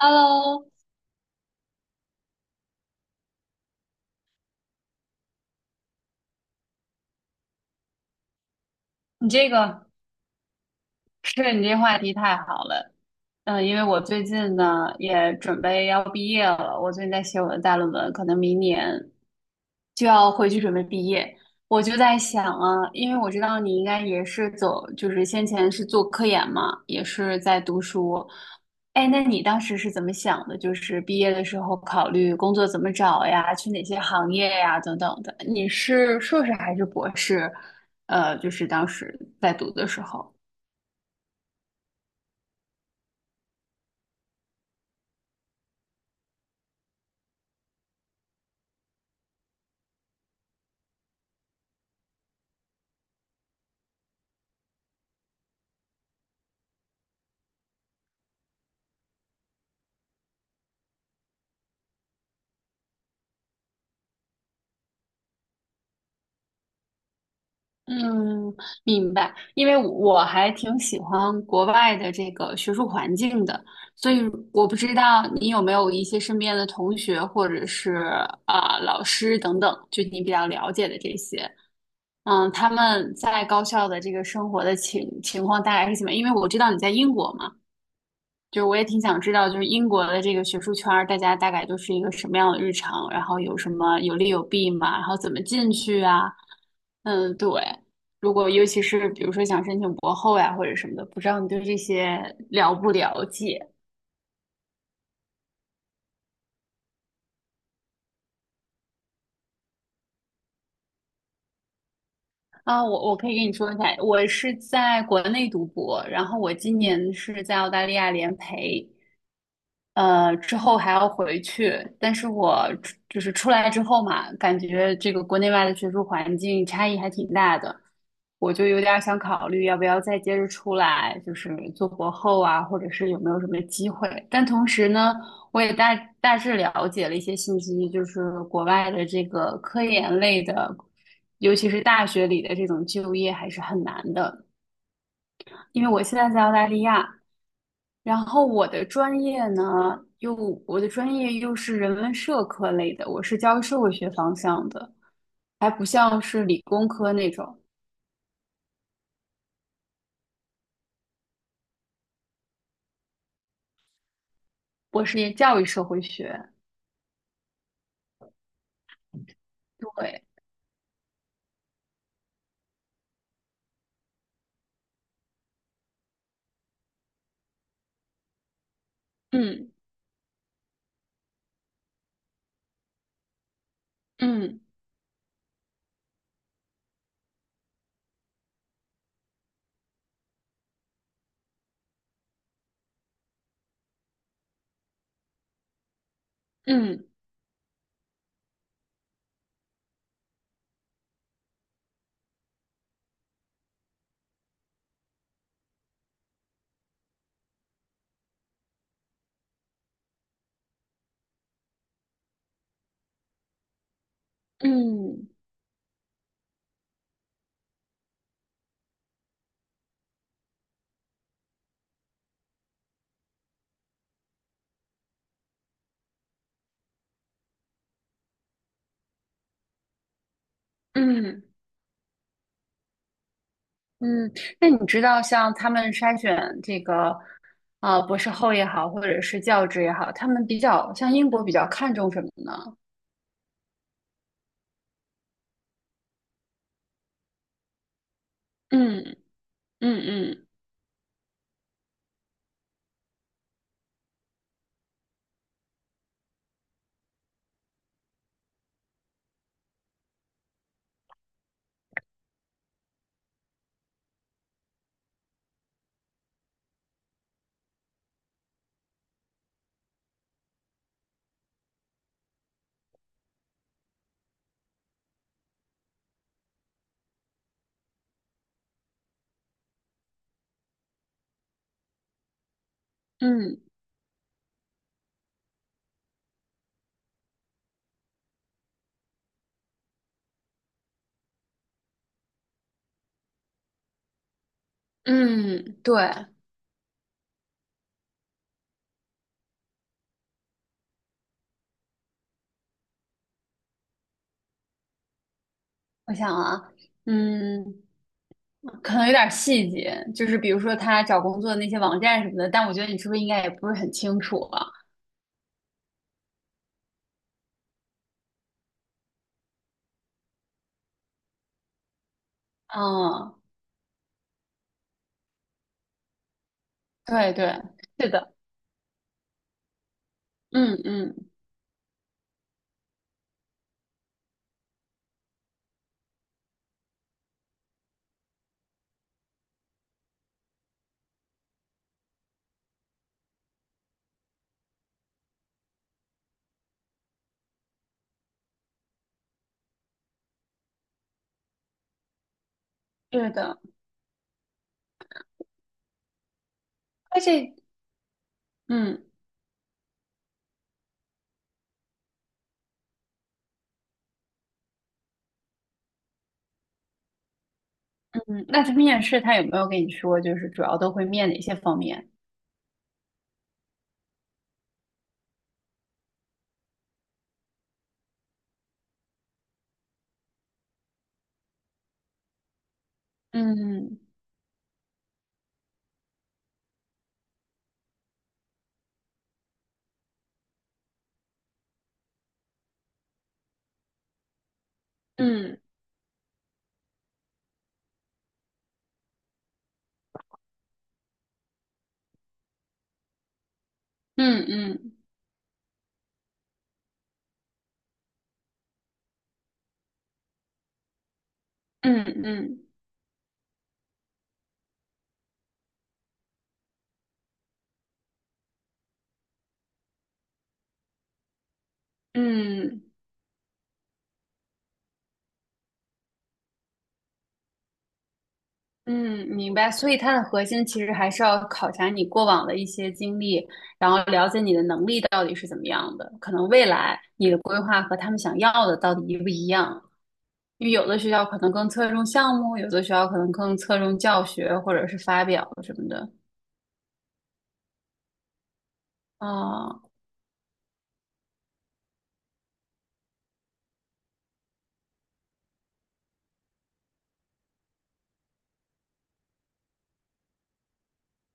Hello，你这个是你这话题太好了。嗯，因为我最近呢也准备要毕业了，我最近在写我的大论文，可能明年。就要回去准备毕业。我就在想啊，因为我知道你应该也是走，就是先前是做科研嘛，也是在读书。哎，那你当时是怎么想的？就是毕业的时候考虑工作怎么找呀，去哪些行业呀，等等的。你是硕士还是博士？就是当时在读的时候。嗯，明白。因为我还挺喜欢国外的这个学术环境的，所以我不知道你有没有一些身边的同学或者是老师等等，就你比较了解的这些，嗯，他们在高校的这个生活的情况大概是怎么样。因为我知道你在英国嘛，就我也挺想知道，就是英国的这个学术圈儿，大家大概都是一个什么样的日常，然后有什么有利有弊嘛，然后怎么进去啊？嗯，对。如果尤其是比如说想申请博后呀或者什么的，不知道你对这些了不了解啊？我可以跟你说一下，我是在国内读博，然后我今年是在澳大利亚联培，之后还要回去，但是就是出来之后嘛，感觉这个国内外的学术环境差异还挺大的，我就有点儿想考虑要不要再接着出来，就是做博后啊，或者是有没有什么机会。但同时呢，我也大致了解了一些信息，就是国外的这个科研类的，尤其是大学里的这种就业还是很难的，因为我现在在澳大利亚。然后我的专业呢，又我的专业又是人文社科类的，我是教育社会学方向的，还不像是理工科那种，我是教育社会学。对，嗯嗯嗯嗯嗯嗯。那你知道，像他们筛选这个博士后也好，或者是教职也好，他们比较像英国比较看重什么呢？嗯嗯嗯嗯嗯，对，我想啊，嗯。可能有点细节，就是比如说他找工作的那些网站什么的，但我觉得你是不是应该也不是很清楚啊？嗯，对对，是的，嗯嗯，是的，而且，嗯嗯，那他面试他有没有跟你说，就是主要都会面哪些方面？嗯嗯嗯嗯嗯嗯嗯。嗯嗯，明白。所以它的核心其实还是要考察你过往的一些经历，然后了解你的能力到底是怎么样的，可能未来你的规划和他们想要的到底一不一样。因为有的学校可能更侧重项目，有的学校可能更侧重教学或者是发表什么的。啊，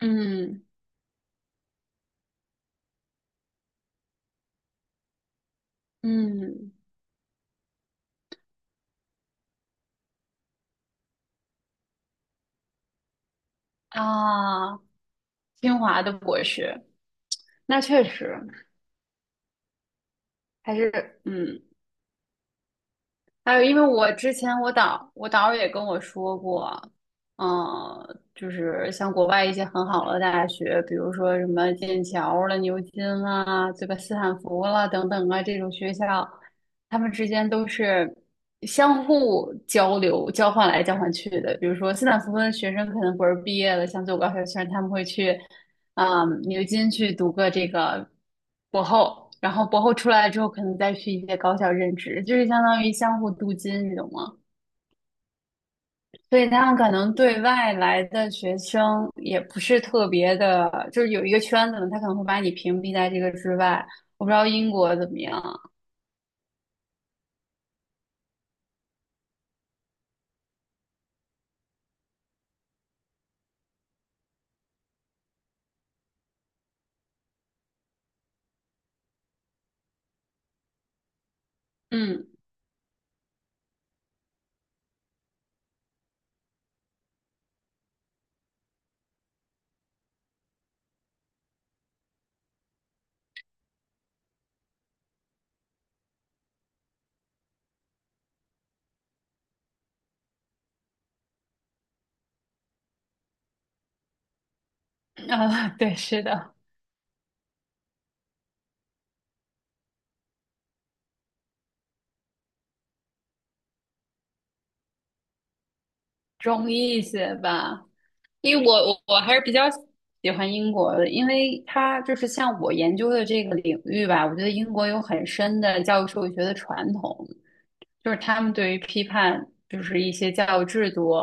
嗯嗯啊，清华的博士，那确实还是嗯。还有，因为我之前我导也跟我说过，嗯，就是像国外一些很好的大学，比如说什么剑桥了、牛津啦，这个斯坦福啦等等啊，这种学校，他们之间都是相互交流、交换来交换去的。比如说斯坦福的学生可能不是毕业了，想走高校圈，他们会去。嗯，牛津去读个这个博后，然后博后出来之后，可能再去一些高校任职，就是相当于相互镀金，你懂吗？所以他们可能对外来的学生也不是特别的，就是有一个圈子嘛，他可能会把你屏蔽在这个之外。我不知道英国怎么样，嗯，啊，对，是的，中医一些吧。因为我还是比较喜欢英国的，因为它就是像我研究的这个领域吧，我觉得英国有很深的教育社会学的传统，就是他们对于批判就是一些教育制度，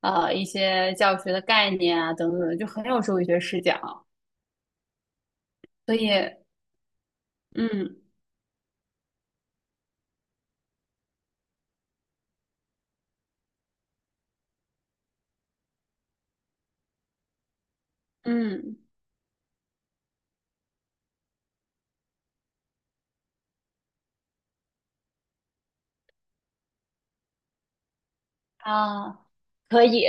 一些教育学的概念啊等等的就很有社会学视角，所以嗯嗯啊。可以，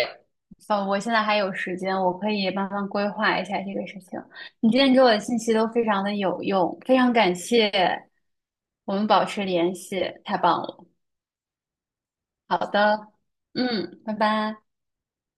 哦，我现在还有时间，我可以慢慢规划一下这个事情。你今天给我的信息都非常的有用，非常感谢，我们保持联系，太棒了。好的，嗯，拜拜。